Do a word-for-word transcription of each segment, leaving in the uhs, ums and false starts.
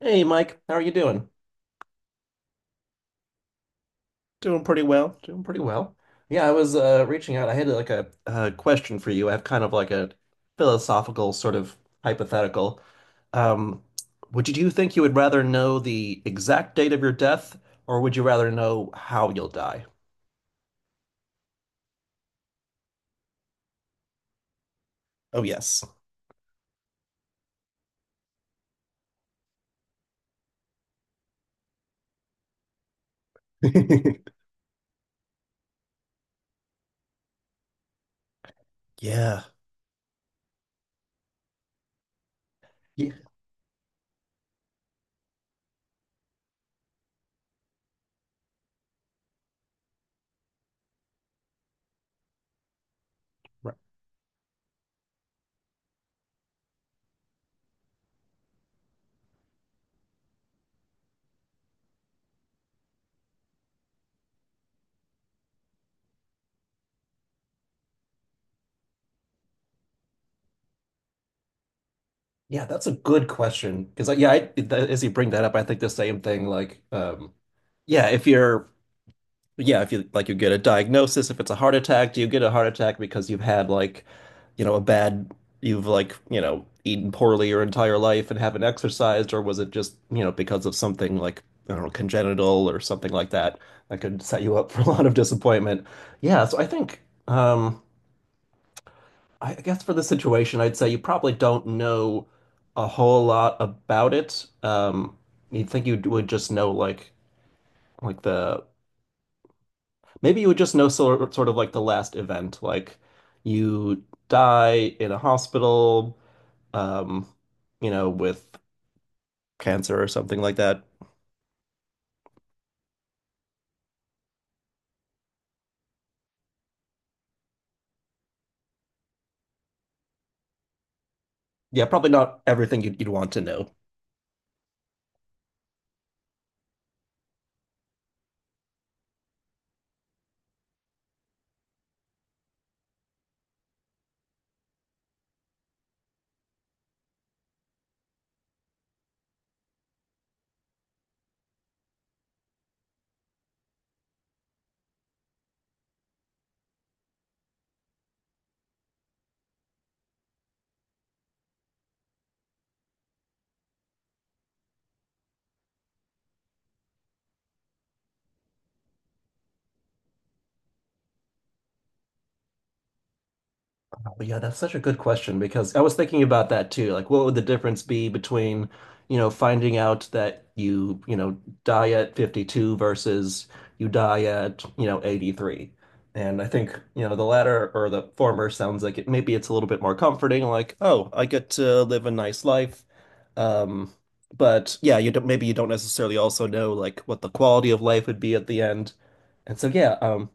Hey Mike, how are you doing? Doing pretty well. Doing pretty well. Yeah, I was uh, reaching out. I had like a, uh question for you. I have kind of like a philosophical sort of hypothetical. Um, would you, do you think you would rather know the exact date of your death, or would you rather know how you'll die? Oh yes. Yeah. Yeah. Right. Yeah, that's a good question. Because yeah, I, that, as you bring that up, I think the same thing. Like, um, yeah, if you're yeah, if you like you get a diagnosis, if it's a heart attack, do you get a heart attack because you've had like, you know, a bad you've like, you know, eaten poorly your entire life and haven't exercised, or was it just, you know, because of something like, I don't know, congenital or something like that that could set you up for a lot of disappointment. Yeah, so I think um I guess for this situation, I'd say you probably don't know a whole lot about it. Um, you'd think you would just know like like the maybe you would just know sort sort of like the last event, like you die in a hospital, um, you know, with cancer or something like that. Yeah, probably not everything you'd, you'd want to know. But yeah, that's such a good question because I was thinking about that too. Like, what would the difference be between, you know, finding out that you, you know, die at fifty-two versus you die at, you know, eighty-three? And I think, you know, the latter or the former sounds like it maybe it's a little bit more comforting, like, oh, I get to live a nice life. Um, but yeah, you don't, maybe you don't necessarily also know like what the quality of life would be at the end. And so yeah, um,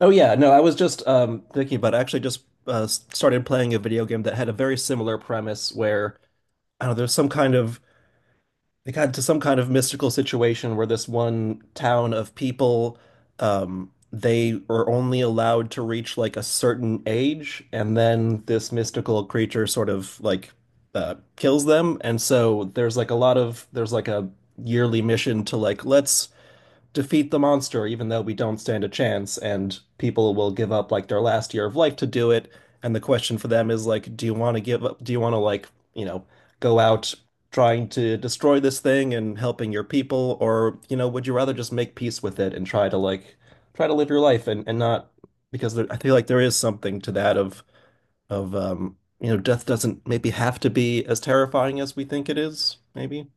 oh yeah, no, I was just um, thinking about it. I actually just uh, s- started playing a video game that had a very similar premise where I don't know, there's some kind of they got into some kind of mystical situation where this one town of people um, they are only allowed to reach like a certain age, and then this mystical creature sort of like uh, kills them, and so there's like a lot of there's like a yearly mission to like let's defeat the monster, even though we don't stand a chance, and people will give up like their last year of life to do it. And the question for them is like, do you want to give up? Do you want to like, you know, go out trying to destroy this thing and helping your people, or you know, would you rather just make peace with it and try to like try to live your life and and not because there, I feel like there is something to that of of um you know, death doesn't maybe have to be as terrifying as we think it is, maybe.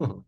Hmm.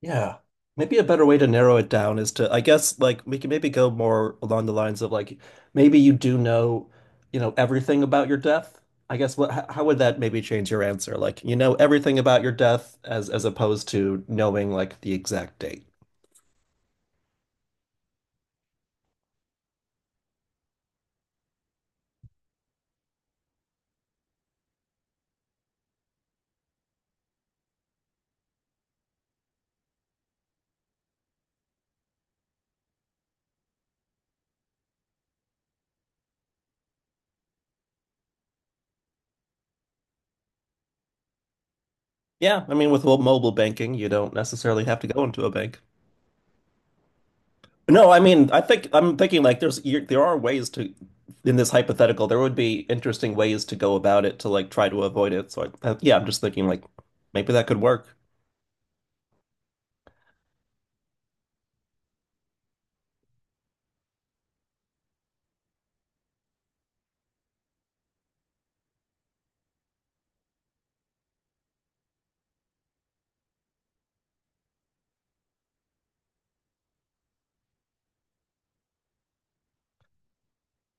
Yeah. Maybe a better way to narrow it down is to, I guess, like we can maybe go more along the lines of like maybe you do know, you know, everything about your death. I guess what h- how would that maybe change your answer? Like you know everything about your death as as opposed to knowing like the exact date. Yeah, I mean with mo- mobile banking, you don't necessarily have to go into a bank. No, I mean, I think I'm thinking like there's you, there are ways to in this hypothetical there would be interesting ways to go about it to like try to avoid it. So I, I- yeah, I'm just thinking like maybe that could work.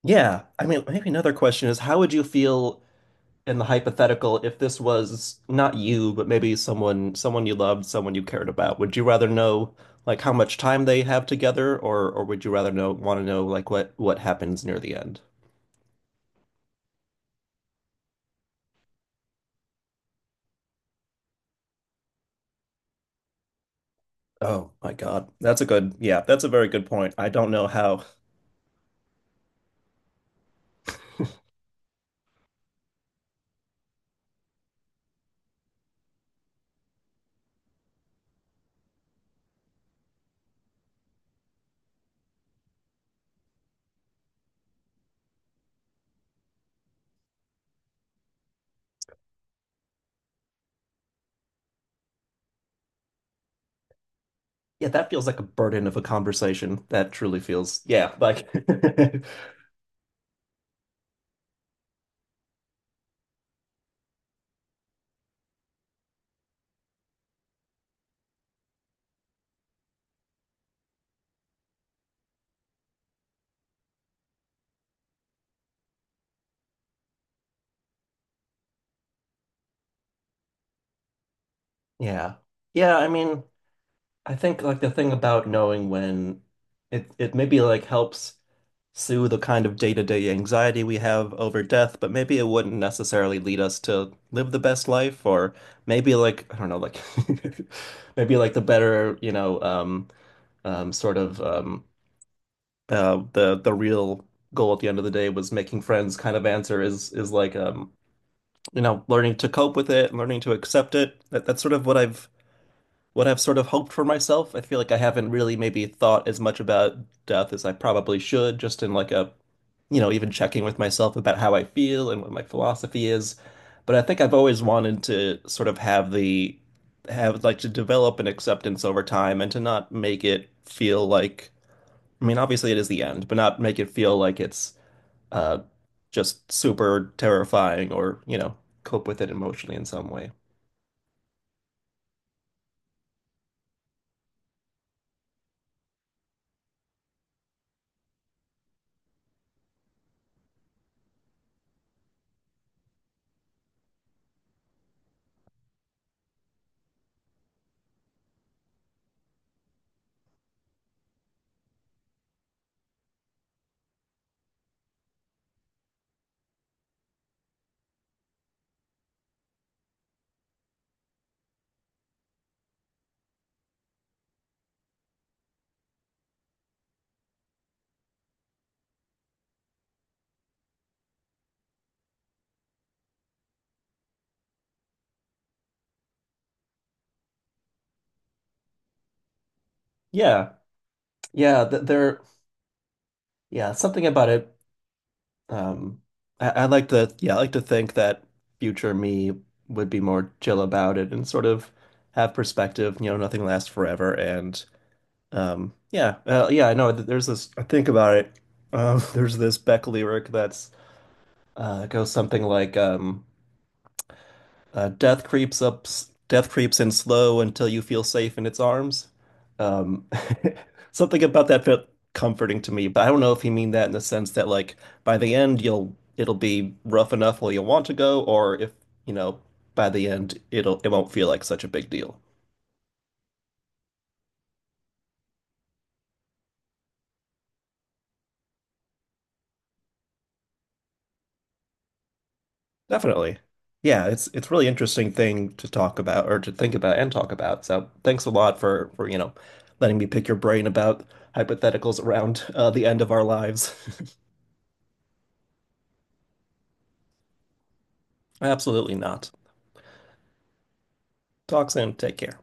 Yeah, I mean, maybe another question is how would you feel in the hypothetical if this was not you, but maybe someone someone you loved, someone you cared about? Would you rather know like how much time they have together, or or would you rather know want to know like what what happens near the end? Oh my God. That's a good, yeah, that's a very good point. I don't know how. Yeah, that feels like a burden of a conversation. That truly feels, yeah, like, yeah. Yeah, I mean, I think like the thing about knowing when it it maybe like helps soothe a kind of day-to-day anxiety we have over death, but maybe it wouldn't necessarily lead us to live the best life, or maybe like I don't know, like maybe like the better, you know, um, um, sort of um, uh, the the real goal at the end of the day was making friends kind of answer is is like um, you know, learning to cope with it, learning to accept it. That that's sort of what I've what I've sort of hoped for myself. I feel like I haven't really maybe thought as much about death as I probably should, just in like a you know, even checking with myself about how I feel and what my philosophy is. But I think I've always wanted to sort of have the have like to develop an acceptance over time and to not make it feel like I mean, obviously it is the end, but not make it feel like it's uh just super terrifying or, you know, cope with it emotionally in some way. Yeah. Yeah, th there yeah, something about it Um, I, I like to, yeah, I like to think that future me would be more chill about it and sort of have perspective. You know, nothing lasts forever. And um, yeah, uh, yeah, I know. th- There's this. I think about it. Um, there's this Beck lyric that's uh, goes something like, um, uh, death creeps up, death creeps in slow until you feel safe in its arms. Um, something about that felt comforting to me, but I don't know if you mean that in the sense that like by the end you'll it'll be rough enough where you'll want to go, or if you know by the end it'll it won't feel like such a big deal. Definitely. Yeah, it's it's really interesting thing to talk about or to think about and talk about. So thanks a lot for for you know letting me pick your brain about hypotheticals around uh, the end of our lives. Absolutely not. Talk soon. Take care.